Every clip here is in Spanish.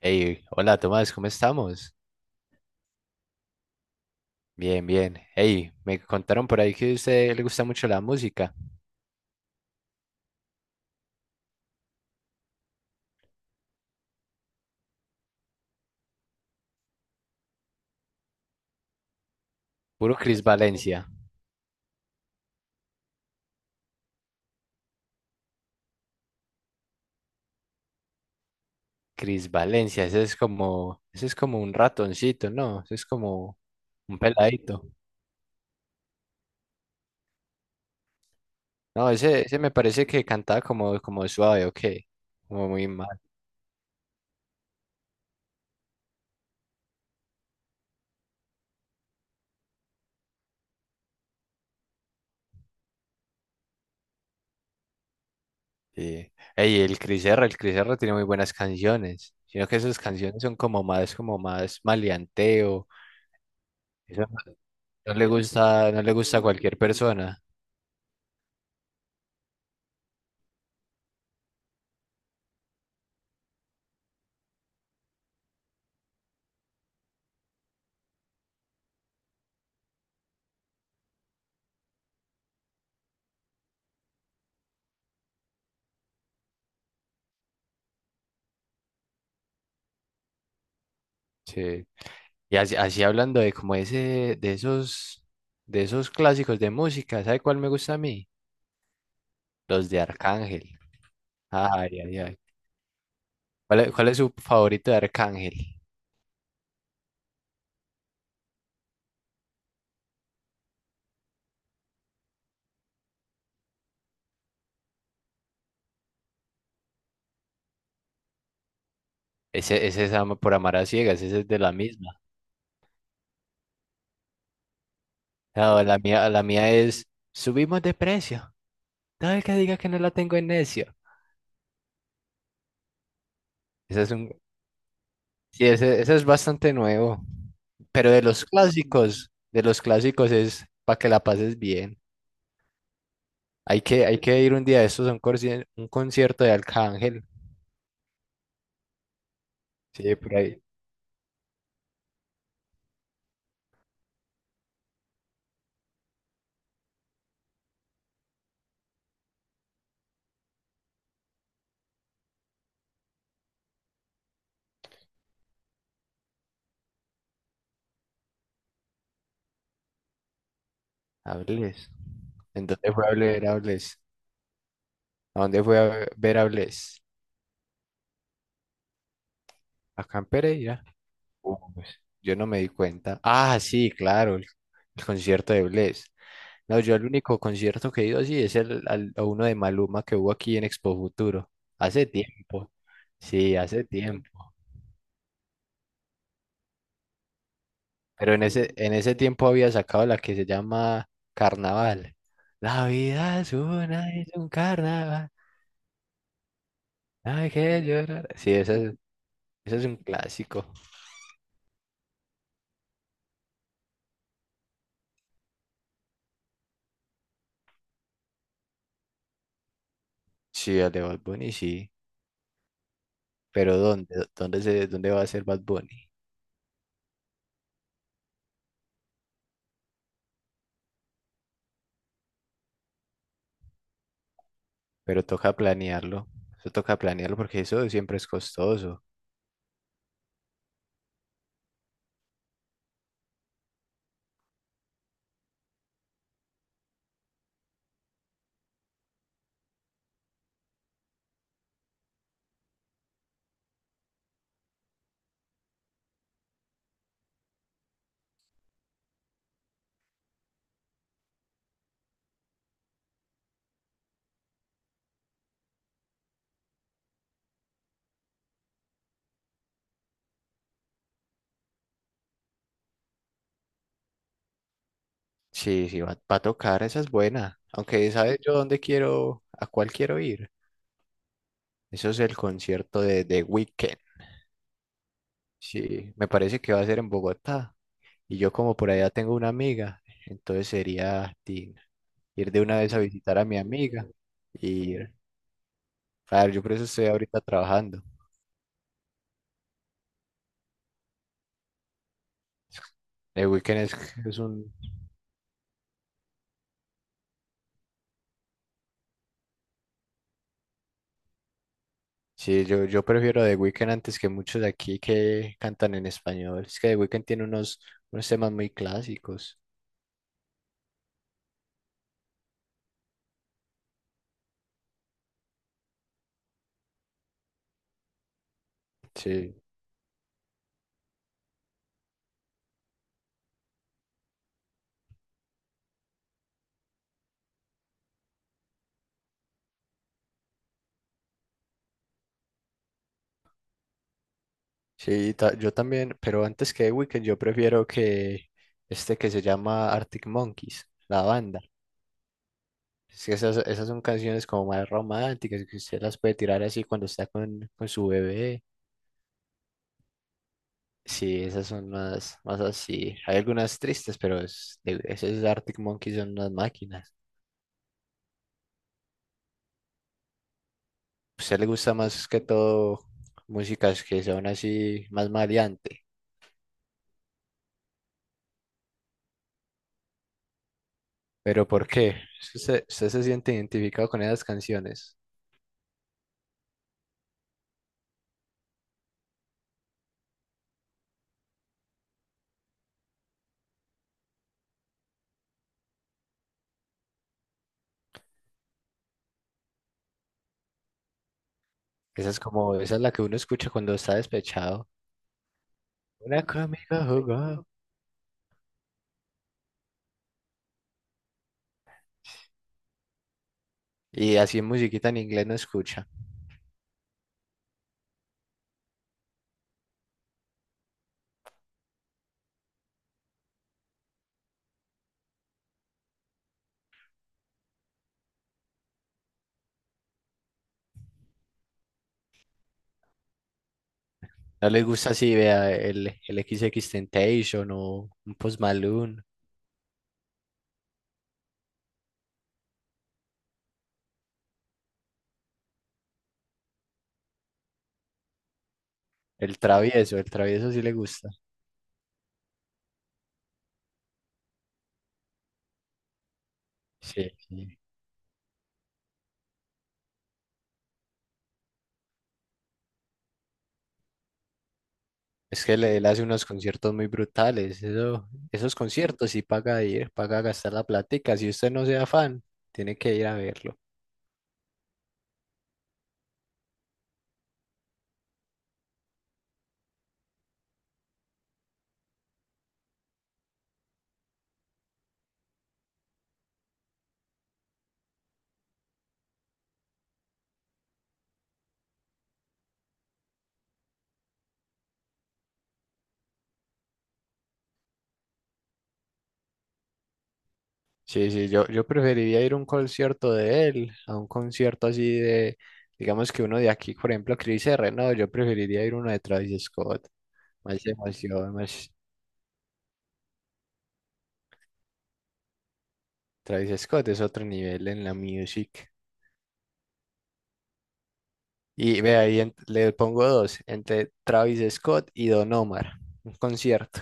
Hey, hola Tomás, ¿cómo estamos? Bien, bien. Hey, me contaron por ahí que a usted le gusta mucho la música. Puro Cris Valencia. Cris Valencia, ese es como un ratoncito, ¿no? Ese es como un peladito. No, ese me parece que cantaba como, como suave, ok. Como muy mal. Sí. Ey, el Cris R tiene muy buenas canciones. Sino que esas canciones son como más maleanteo. Eso no le gusta, no le gusta a cualquier persona. Sí. Y así, así hablando de como ese, de esos clásicos de música, ¿sabe cuál me gusta a mí? Los de Arcángel. Ay, ay, ay. Cuál es su favorito de Arcángel? Ese es por Amar a Ciegas, ese es de la misma. No, la mía es Subimos de precio. Todo el que diga que no la tengo en necio. Ese es un, sí, ese es bastante nuevo. Pero de los clásicos es para que la pases bien. Hay que ir un día de estos a un concierto de Arcángel. Sí, por ahí. Hables. ¿En dónde fue a ver Hables? ¿A dónde fue a ver Hables? Acá en Pereira. Pues, yo no me di cuenta. Ah, sí, claro, el concierto de Bless. No, yo el único concierto que he ido así es a uno de Maluma que hubo aquí en Expo Futuro. Hace tiempo. Sí, hace tiempo. Pero en ese tiempo había sacado la que se llama Carnaval. La vida es una, es un carnaval. No hay que llorar. Sí, esa es. Ese es un clásico. Sí, al de Bad Bunny, sí. Pero ¿dónde? ¿Dónde se, dónde va a ser Bad Bunny? Pero toca planearlo. Eso toca planearlo porque eso siempre es costoso. Sí, sí, va, va a tocar, esa es buena. Aunque, ¿sabes yo dónde quiero, a cuál quiero ir? Eso es el concierto de The Weeknd. Sí, me parece que va a ser en Bogotá. Y yo como por allá tengo una amiga, entonces sería tin, ir de una vez a visitar a mi amiga y ir. Claro, yo por eso estoy ahorita trabajando. The Weeknd es, es un... Sí, yo prefiero The Weeknd antes que muchos de aquí que cantan en español. Es que The Weeknd tiene unos, unos temas muy clásicos. Sí, sí, yo también, pero antes que The Weeknd yo prefiero que este que se llama Arctic Monkeys, la banda. Es que esas, esas son canciones como más románticas, que usted las puede tirar así cuando está con su bebé. Sí, esas son más, más así. Hay algunas tristes, pero esas Arctic Monkeys son unas máquinas. Pues, a usted le gusta más que todo músicas que son así más maleante. ¿Pero por qué? Es que ¿usted, usted se siente identificado con esas canciones? Esa es como, esa es la que uno escucha cuando está despechado. Una conmigo jugó. Y así musiquita en inglés no escucha. No le gusta así, vea, el XXXTentacion o un Post Malone. El travieso sí le gusta. Sí, sí. Es que él hace unos conciertos muy brutales. Eso, esos conciertos sí paga ir, paga gastar la platica. Si usted no sea fan, tiene que ir a verlo. Sí, sí, yo preferiría ir a un concierto de él, a un concierto así de, digamos que uno de aquí, por ejemplo, Chris R. No, yo preferiría ir a uno de Travis Scott. Más emoción, más. Travis Scott es otro nivel en la music. Y ve ahí, le pongo dos, entre Travis Scott y Don Omar. Un concierto.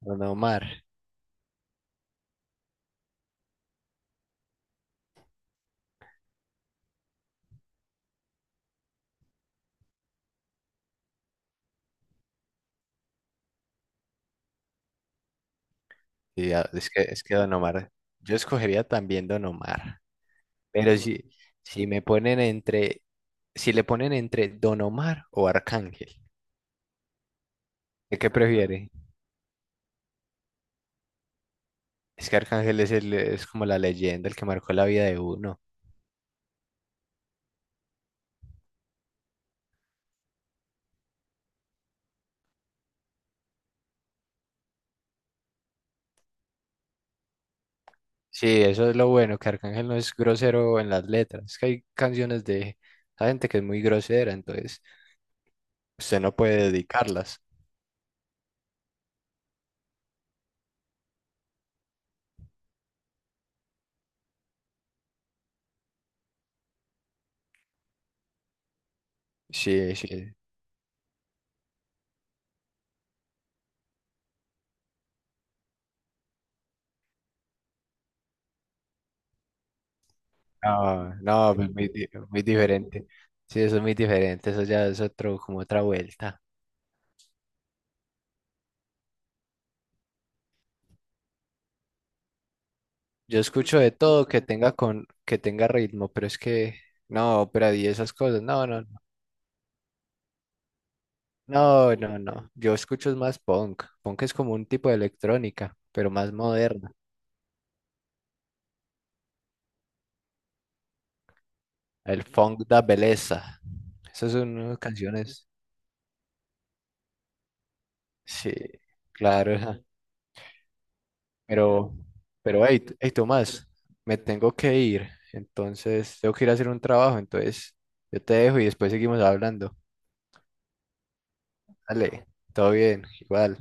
Don Omar. Sí, es que Don Omar, yo escogería también Don Omar, pero si, si me ponen entre, si le ponen entre Don Omar o Arcángel, ¿de qué prefiere? Es que Arcángel es, el, es como la leyenda, el que marcó la vida de uno. Sí, eso es lo bueno, que Arcángel no es grosero en las letras, es que hay canciones de la gente que es muy grosera, entonces usted no puede dedicarlas. Sí, sí, no, no, pues muy, muy diferente. Sí, eso es muy diferente, eso ya es otro, como otra vuelta. Yo escucho de todo que tenga con, que tenga ritmo, pero es que, no, ópera y esas cosas, no, no, no, no, no, no. Yo escucho es más punk. Punk es como un tipo de electrónica, pero más moderna. El funk da belleza. Esas son unas canciones. Sí, claro, ajá. Pero, pero hey, hey, Tomás, me tengo que ir. Entonces, tengo que ir a hacer un trabajo. Entonces, yo te dejo y después seguimos hablando. Dale, todo bien, igual.